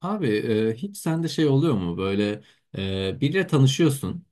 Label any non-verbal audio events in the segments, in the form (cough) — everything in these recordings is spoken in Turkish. Abi hiç sende şey oluyor mu böyle biriyle tanışıyorsun,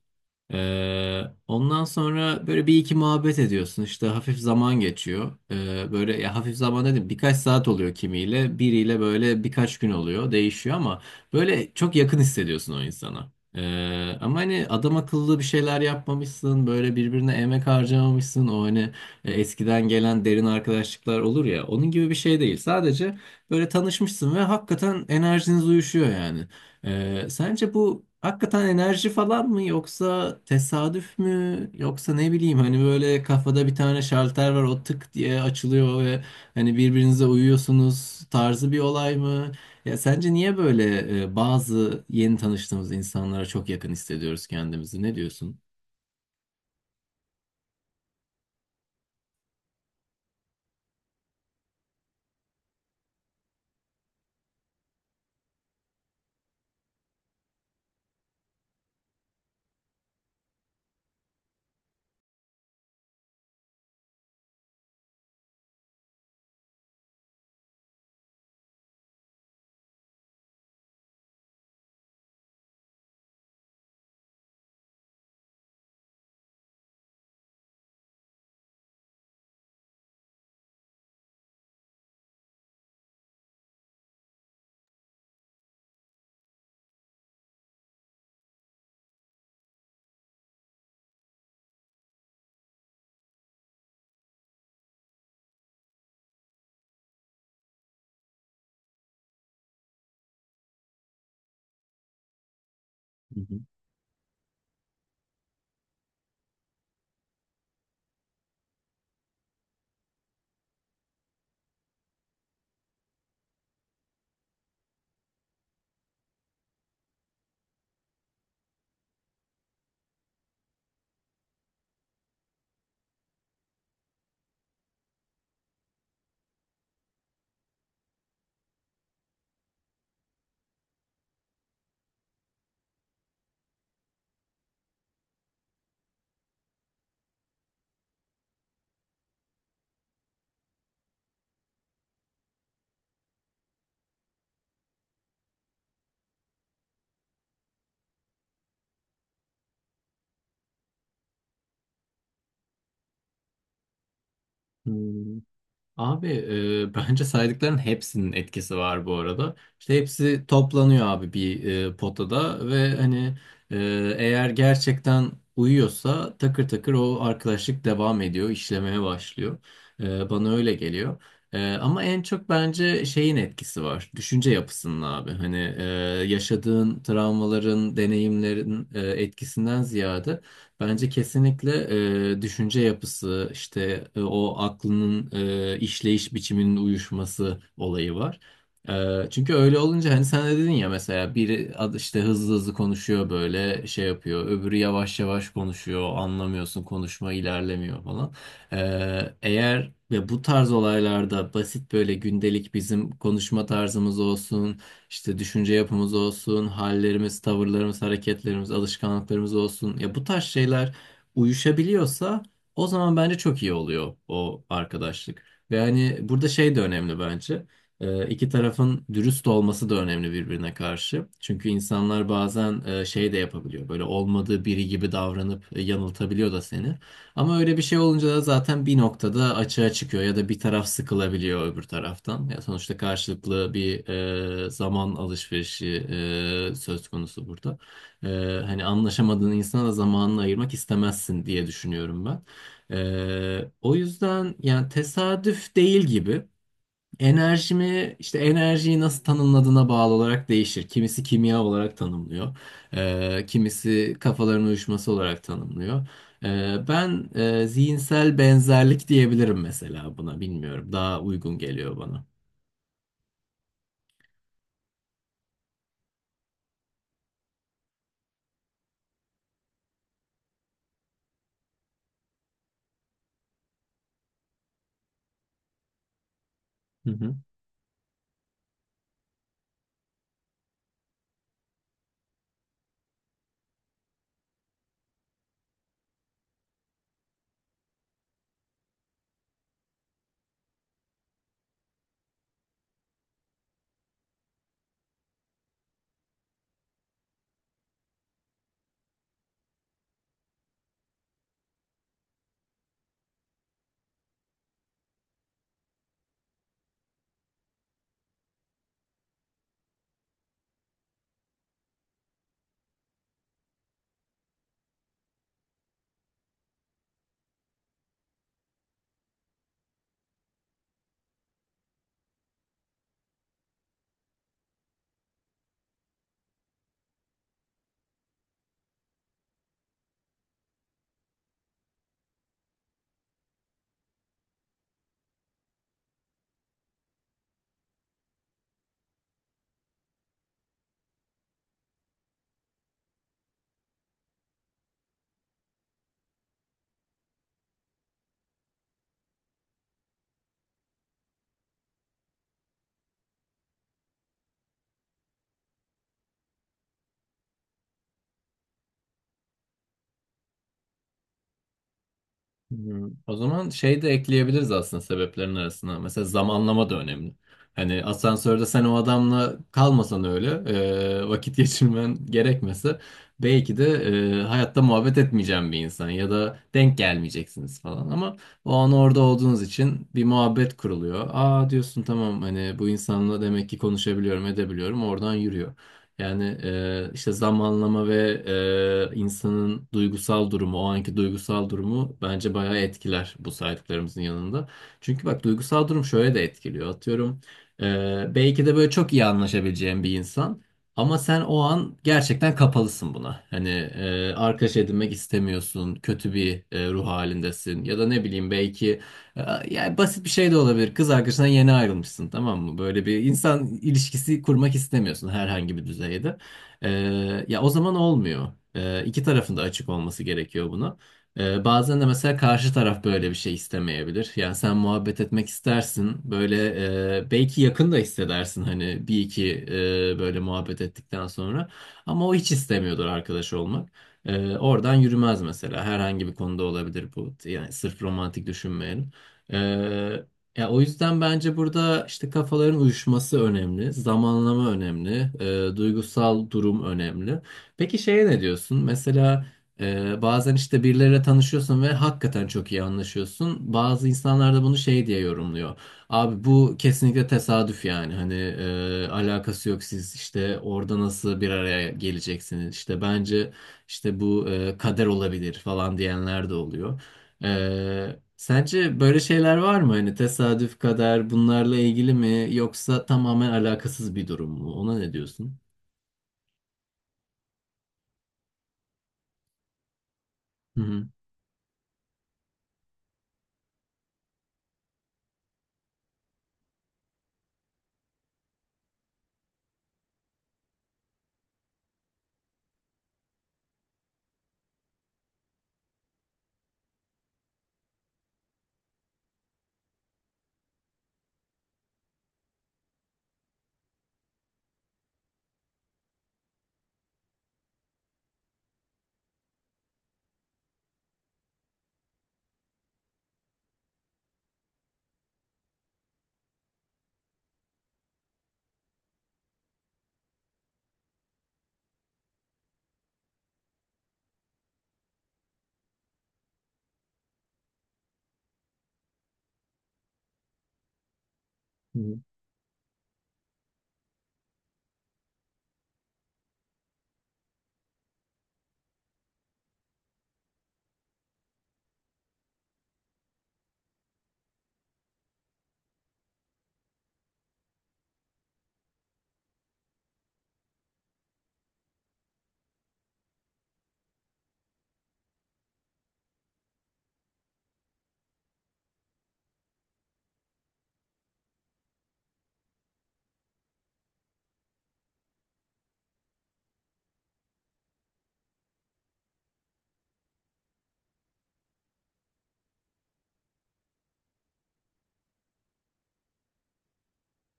ee, ondan sonra böyle bir iki muhabbet ediyorsun. İşte hafif zaman geçiyor. Böyle ya hafif zaman dedim, birkaç saat oluyor kimiyle. Biriyle böyle birkaç gün oluyor. Değişiyor ama böyle çok yakın hissediyorsun o insana. Ama hani adam akıllı bir şeyler yapmamışsın. Böyle birbirine emek harcamamışsın. O hani eskiden gelen derin arkadaşlıklar olur ya. Onun gibi bir şey değil. Sadece böyle tanışmışsın ve hakikaten enerjiniz uyuşuyor yani. Sence bu hakikaten enerji falan mı, yoksa tesadüf mü, yoksa ne bileyim, hani böyle kafada bir tane şalter var, o tık diye açılıyor ve hani birbirinize uyuyorsunuz tarzı bir olay mı? Ya sence niye böyle bazı yeni tanıştığımız insanlara çok yakın hissediyoruz kendimizi? Ne diyorsun? Hı hı. Abi (laughs) bence saydıkların hepsinin etkisi var bu arada. İşte hepsi toplanıyor abi bir potada ve hani e, eğer gerçekten uyuyorsa takır takır o arkadaşlık devam ediyor, işlemeye başlıyor. Bana öyle geliyor. Ama en çok bence şeyin etkisi var, düşünce yapısının abi. Hani yaşadığın travmaların, deneyimlerin etkisinden ziyade. Bence kesinlikle düşünce yapısı, işte o aklının işleyiş biçiminin uyuşması olayı var. Çünkü öyle olunca hani sen de dedin ya, mesela biri işte hızlı hızlı konuşuyor, böyle şey yapıyor, öbürü yavaş yavaş konuşuyor, anlamıyorsun, konuşma ilerlemiyor falan. Eğer ve bu tarz olaylarda basit böyle gündelik bizim konuşma tarzımız olsun. İşte düşünce yapımız olsun, hallerimiz, tavırlarımız, hareketlerimiz, alışkanlıklarımız olsun. Ya bu tarz şeyler uyuşabiliyorsa o zaman bence çok iyi oluyor o arkadaşlık. Ve hani burada şey de önemli bence. İki tarafın dürüst olması da önemli birbirine karşı. Çünkü insanlar bazen şey de yapabiliyor. Böyle olmadığı biri gibi davranıp yanıltabiliyor da seni. Ama öyle bir şey olunca da zaten bir noktada açığa çıkıyor ya da bir taraf sıkılabiliyor öbür taraftan. Ya sonuçta karşılıklı bir zaman alışverişi söz konusu burada. E, Hani anlaşamadığın insana da zamanını ayırmak istemezsin diye düşünüyorum ben. O yüzden yani tesadüf değil gibi. Enerjimi işte enerjiyi nasıl tanımladığına bağlı olarak değişir. Kimisi kimya olarak tanımlıyor. Kimisi kafaların uyuşması olarak tanımlıyor. Ben zihinsel benzerlik diyebilirim mesela buna. Bilmiyorum. Daha uygun geliyor bana. Hı hı. Hmm. O zaman şey de ekleyebiliriz aslında sebeplerin arasına. Mesela zamanlama da önemli. Hani asansörde sen o adamla kalmasan öyle, vakit (laughs) geçirmen gerekmese, belki de hayatta muhabbet etmeyeceğin bir insan ya da denk gelmeyeceksiniz falan, ama o an orada olduğunuz için bir muhabbet kuruluyor. Aa diyorsun, tamam, hani bu insanla demek ki konuşabiliyorum, edebiliyorum. Oradan yürüyor. Yani işte zamanlama ve insanın duygusal durumu, o anki duygusal durumu bence bayağı etkiler bu saydıklarımızın yanında. Çünkü bak duygusal durum şöyle de etkiliyor. Atıyorum, belki de böyle çok iyi anlaşabileceğin bir insan ama sen o an gerçekten kapalısın buna. Hani arkadaş edinmek istemiyorsun, kötü bir ruh halindesin ya da ne bileyim, belki yani basit bir şey de olabilir. Kız arkadaşından yeni ayrılmışsın, tamam mı? Böyle bir insan ilişkisi kurmak istemiyorsun herhangi bir düzeyde. Ee, Ya o zaman olmuyor. İki tarafın da açık olması gerekiyor buna. Bazen de mesela karşı taraf böyle bir şey istemeyebilir. Yani sen muhabbet etmek istersin. Böyle belki yakın da hissedersin hani bir iki böyle muhabbet ettikten sonra. Ama o hiç istemiyordur arkadaş olmak. Oradan yürümez mesela. Herhangi bir konuda olabilir bu. Yani sırf romantik düşünmeyelim. Ee, Ya o yüzden bence burada işte kafaların uyuşması önemli, zamanlama önemli, duygusal durum önemli. Peki şeye ne diyorsun? Mesela bazen işte birileriyle tanışıyorsun ve hakikaten çok iyi anlaşıyorsun. Bazı insanlar da bunu şey diye yorumluyor. Abi bu kesinlikle tesadüf yani. Hani alakası yok, siz işte orada nasıl bir araya geleceksiniz? İşte bence işte bu kader olabilir falan diyenler de oluyor. Sence böyle şeyler var mı? Hani tesadüf, kader bunlarla ilgili mi, yoksa tamamen alakasız bir durum mu? Ona ne diyorsun? Hı hı. Hı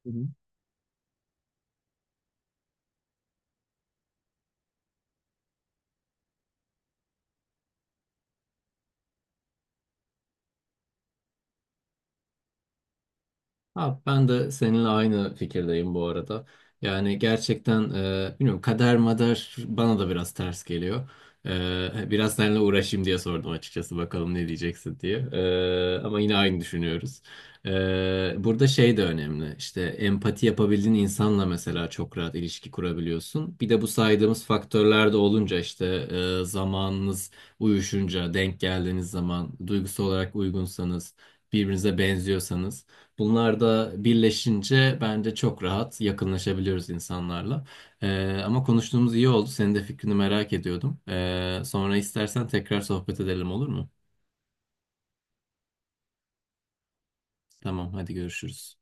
hı. Abi ben de seninle aynı fikirdeyim bu arada. Yani gerçekten bilmiyorum, kader mader bana da biraz ters geliyor. Biraz seninle uğraşayım diye sordum açıkçası, bakalım ne diyeceksin diye. Ama yine aynı düşünüyoruz. Burada şey de önemli. İşte empati yapabildiğin insanla mesela çok rahat ilişki kurabiliyorsun. Bir de bu saydığımız faktörler de olunca, işte zamanınız uyuşunca, denk geldiğiniz zaman, duygusal olarak uygunsanız, birbirinize benziyorsanız, bunlar da birleşince bence çok rahat yakınlaşabiliyoruz insanlarla. Ama konuştuğumuz iyi oldu. Senin de fikrini merak ediyordum. Sonra istersen tekrar sohbet edelim, olur mu? Tamam, hadi görüşürüz.